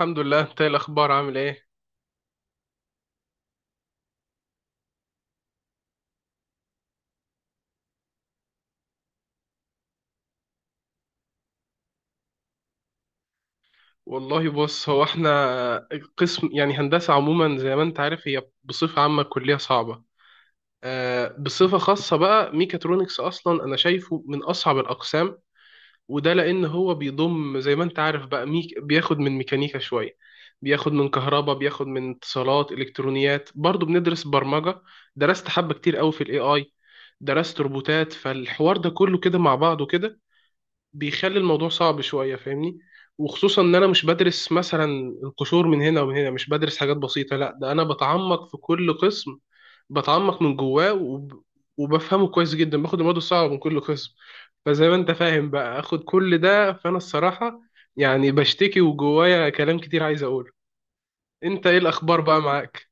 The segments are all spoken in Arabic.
الحمد لله. انت ايه الاخبار، عامل ايه؟ والله بص، هو احنا قسم، يعني هندسة عموما زي ما انت عارف، هي بصفة عامة كلية صعبة. بصفة خاصة بقى ميكاترونكس، اصلا انا شايفه من اصعب الاقسام. وده لان هو بيضم زي ما انت عارف بقى، ميك بياخد من ميكانيكا شوية، بياخد من كهرباء، بياخد من اتصالات، الكترونيات، برضو بندرس برمجة. درست حبة كتير قوي في الاي اي، درست روبوتات. فالحوار ده كله كده مع بعضه كده بيخلي الموضوع صعب شوية، فاهمني؟ وخصوصا ان انا مش بدرس مثلا القشور من هنا ومن هنا، مش بدرس حاجات بسيطة، لا، ده انا بتعمق في كل قسم، بتعمق من جواه وبفهمه كويس جدا، باخد المواد الصعبة من كل قسم. فزي ما انت فاهم بقى، اخد كل ده، فانا الصراحة يعني بشتكي، وجوايا كلام كتير عايز اقوله. انت ايه الاخبار بقى معاك؟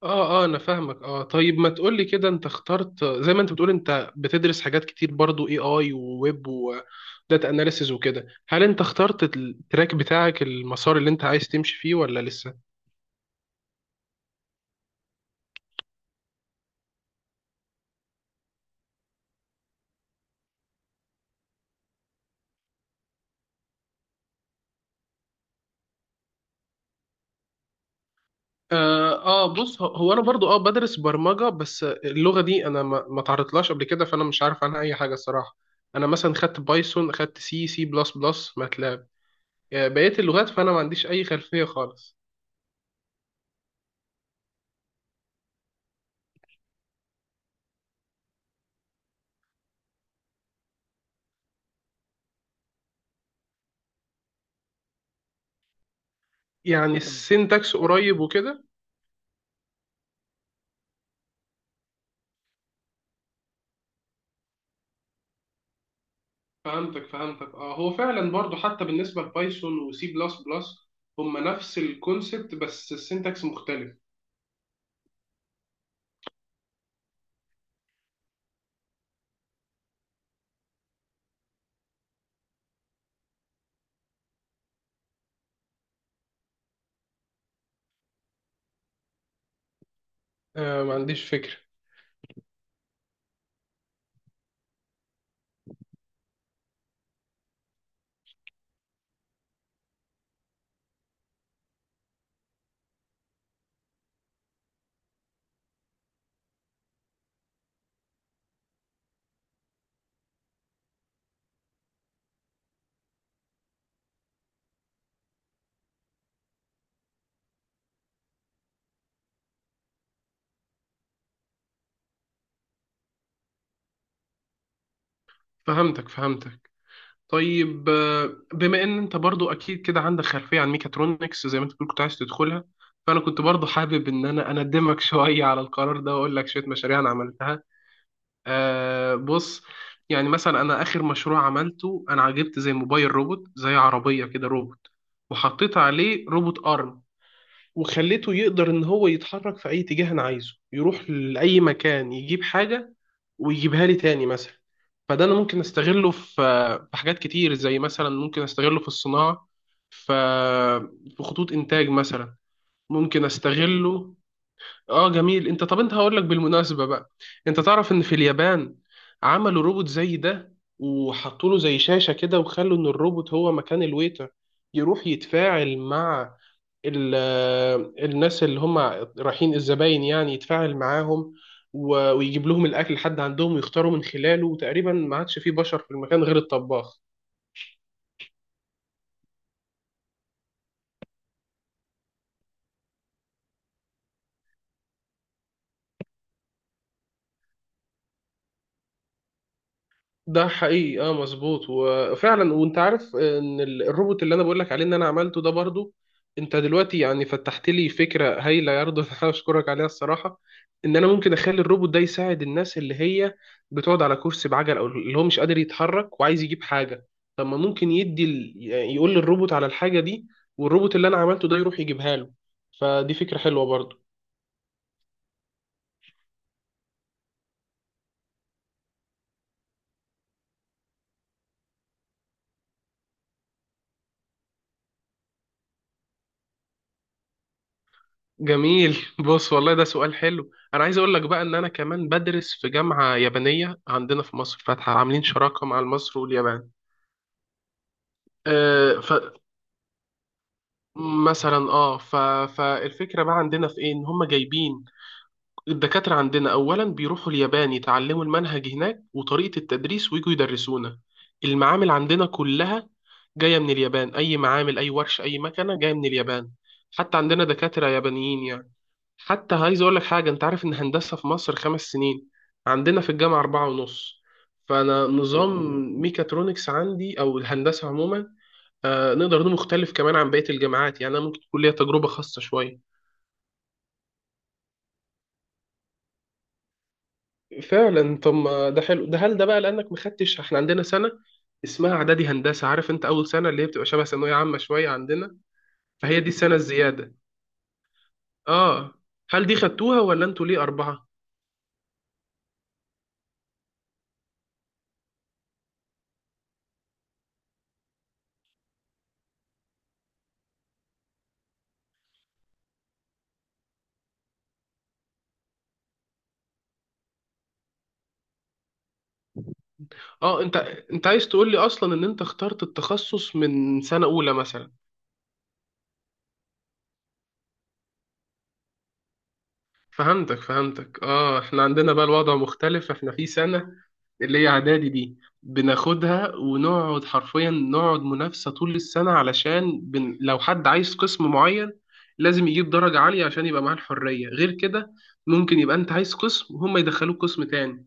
اه، انا فاهمك. اه طيب، ما تقولي كده، انت اخترت زي ما انت بتقول، انت بتدرس حاجات كتير برضو، اي اي وويب، داتا اناليسز وكده. هل انت اخترت التراك بتاعك، المسار اللي انت عايز تمشي فيه، ولا لسه؟ اه، آه بص، هو انا برضو اه بدرس برمجة، بس اللغة دي انا ما تعرضتلهاش قبل كده، فانا مش عارف عنها اي حاجة الصراحة. انا مثلا خدت بايثون، خدت سي سي بلس بلس، ماتلاب، آه بقية اللغات. فانا ما عنديش اي خلفية خالص. يعني السينتاكس قريب وكده؟ فهمتك فهمتك. اه، هو فعلا برضو حتى بالنسبة لبايثون وسي بلس بلس، هم نفس الكونسبت بس السينتاكس مختلف. آه، ما عنديش فكرة. فهمتك فهمتك. طيب بما ان انت برضو اكيد كده عندك خلفية عن ميكاترونكس، زي ما انت بتقول كنت عايز تدخلها، فانا كنت برضو حابب ان انا اندمك شوية على القرار ده، واقول لك شوية مشاريع انا عملتها. آه بص، يعني مثلا انا اخر مشروع عملته انا عجبت، زي موبايل روبوت، زي عربية كده روبوت، وحطيت عليه روبوت ارم، وخليته يقدر ان هو يتحرك في اي اتجاه انا عايزه، يروح لاي مكان يجيب حاجه ويجيبها لي تاني مثلا. فده انا ممكن استغله في حاجات كتير، زي مثلا ممكن استغله في الصناعه، ف- في خطوط انتاج مثلا، ممكن استغله. اه جميل. انت طب هقول لك بالمناسبة بقى، انت تعرف ان في اليابان عملوا روبوت زي ده، وحطوا له زي شاشة كده، وخلوا ان الروبوت هو مكان الويتر، يروح يتفاعل مع ال- الناس اللي هم رايحين، الزباين يعني، يتفاعل معاهم، ويجيب لهم الاكل لحد عندهم، ويختاروا من خلاله. وتقريبا ما عادش فيه بشر في المكان غير الطباخ. ده حقيقي، اه، مظبوط. وفعلا، وانت عارف ان الروبوت اللي انا بقول لك عليه ان انا عملته ده برضو، انت دلوقتي يعني فتحت لي فكره هايله يا رضا انا اشكرك عليها الصراحه، ان انا ممكن اخلي الروبوت ده يساعد الناس اللي هي بتقعد على كرسي بعجل، او اللي هو مش قادر يتحرك وعايز يجيب حاجه. طب ما ممكن يعني يقول للروبوت على الحاجه دي، والروبوت اللي انا عملته ده يروح يجيبها له. فدي فكره حلوه برضو. جميل، بص والله ده سؤال حلو، انا عايز اقول لك بقى ان انا كمان بدرس في جامعة يابانية عندنا في مصر، فاتحة، عاملين شراكة مع مصر واليابان. آه فمثلا فالفكرة بقى عندنا في ايه، ان هم جايبين الدكاترة عندنا، اولا بيروحوا اليابان يتعلموا المنهج هناك وطريقة التدريس، ويجوا يدرسونا. المعامل عندنا كلها جاية من اليابان، اي معامل، اي ورش، اي مكنة جاية من اليابان، حتى عندنا دكاترة يابانيين يعني. حتى عايز اقول لك حاجه، انت عارف ان هندسه في مصر 5 سنين؟ عندنا في الجامعه 4 ونص. فانا نظام ميكاترونكس عندي او الهندسه عموما، آه نقدر نقول مختلف كمان عن بقيه الجامعات، يعني انا ممكن تكون ليا تجربه خاصه شويه. فعلا، طب ما ده حلو. ده هل ده بقى لانك ما خدتش، احنا عندنا سنه اسمها اعدادي هندسه، عارف، انت اول سنه اللي هي بتبقى شبه ثانويه عامه شويه عندنا، فهي دي السنه الزياده. اه، هل دي خدتوها ولا انتوا ليه اربعه؟ اه انت، انت عايز تقول لي اصلا ان انت اخترت التخصص من سنة اولى مثلا؟ فهمتك فهمتك. اه احنا عندنا بقى الوضع مختلف، احنا في سنة اللي هي اعدادي دي بناخدها، ونقعد حرفيا نقعد منافسة طول السنة، علشان لو حد عايز قسم معين، لازم يجيب درجة عالية عشان يبقى معاه الحرية. غير كده ممكن يبقى انت عايز قسم وهم يدخلوك قسم تاني.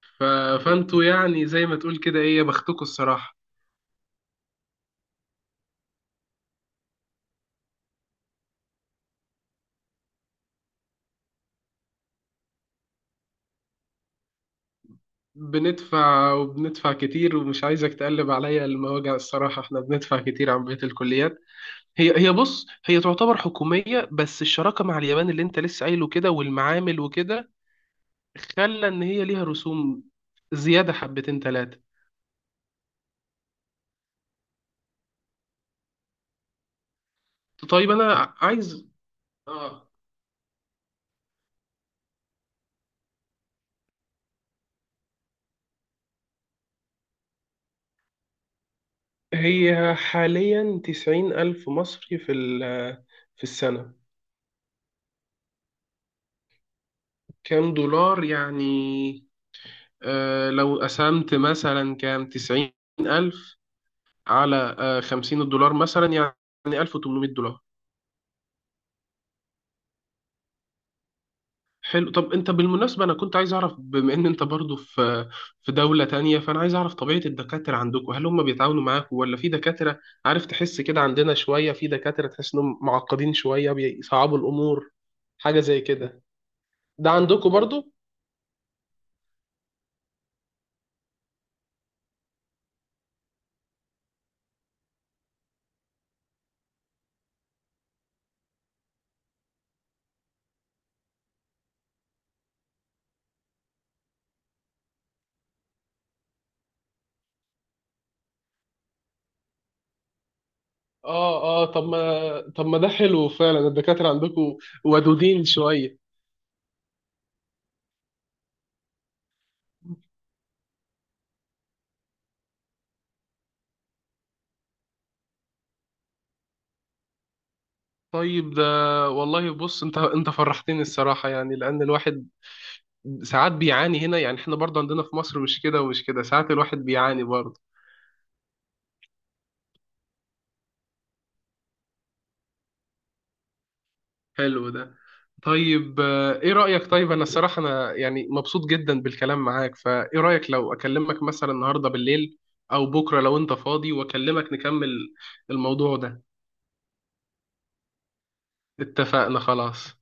ف... فانتوا يعني زي ما تقول كده، ايه يا بختكوا الصراحة. بندفع، وبندفع كتير، ومش عايزك تقلب عليا المواجع الصراحة، احنا بندفع كتير عن بقية الكليات. هي بص، هي تعتبر حكومية، بس الشراكة مع اليابان اللي انت لسه قايله كده، والمعامل وكده، خلى ان هي ليها رسوم زيادة حبتين تلاتة. طيب انا عايز اه. هي حاليا 90,000 مصري في ال، في السنة. كام دولار يعني؟ آه لو قسمت مثلا، كام 90,000 على $50 مثلا، يعني $1800. حلو. طب انت بالمناسبة، انا كنت عايز اعرف، بما ان انت برضو في في دولة تانية، فانا عايز اعرف طبيعة الدكاترة عندكم. هل هم بيتعاونوا معاكم، ولا في دكاترة، عارف، تحس كده، عندنا شوية في دكاترة تحس انهم معقدين شوية، بيصعبوا الامور، حاجة زي كده، ده عندكم برضو؟ اه، طب ما ده حلو، فعلا الدكاترة عندكم ودودين شوية. طيب ده، والله بص، انت فرحتني الصراحة، يعني لأن الواحد ساعات بيعاني هنا، يعني احنا برضه عندنا في مصر مش كده ومش كده، ساعات الواحد بيعاني برضه. حلو ده. طيب ايه رأيك، طيب انا الصراحة انا يعني مبسوط جدا بالكلام معاك، فايه رأيك لو اكلمك مثلا النهاردة بالليل، او بكرة لو انت فاضي، واكلمك نكمل الموضوع ده؟ اتفقنا، خلاص.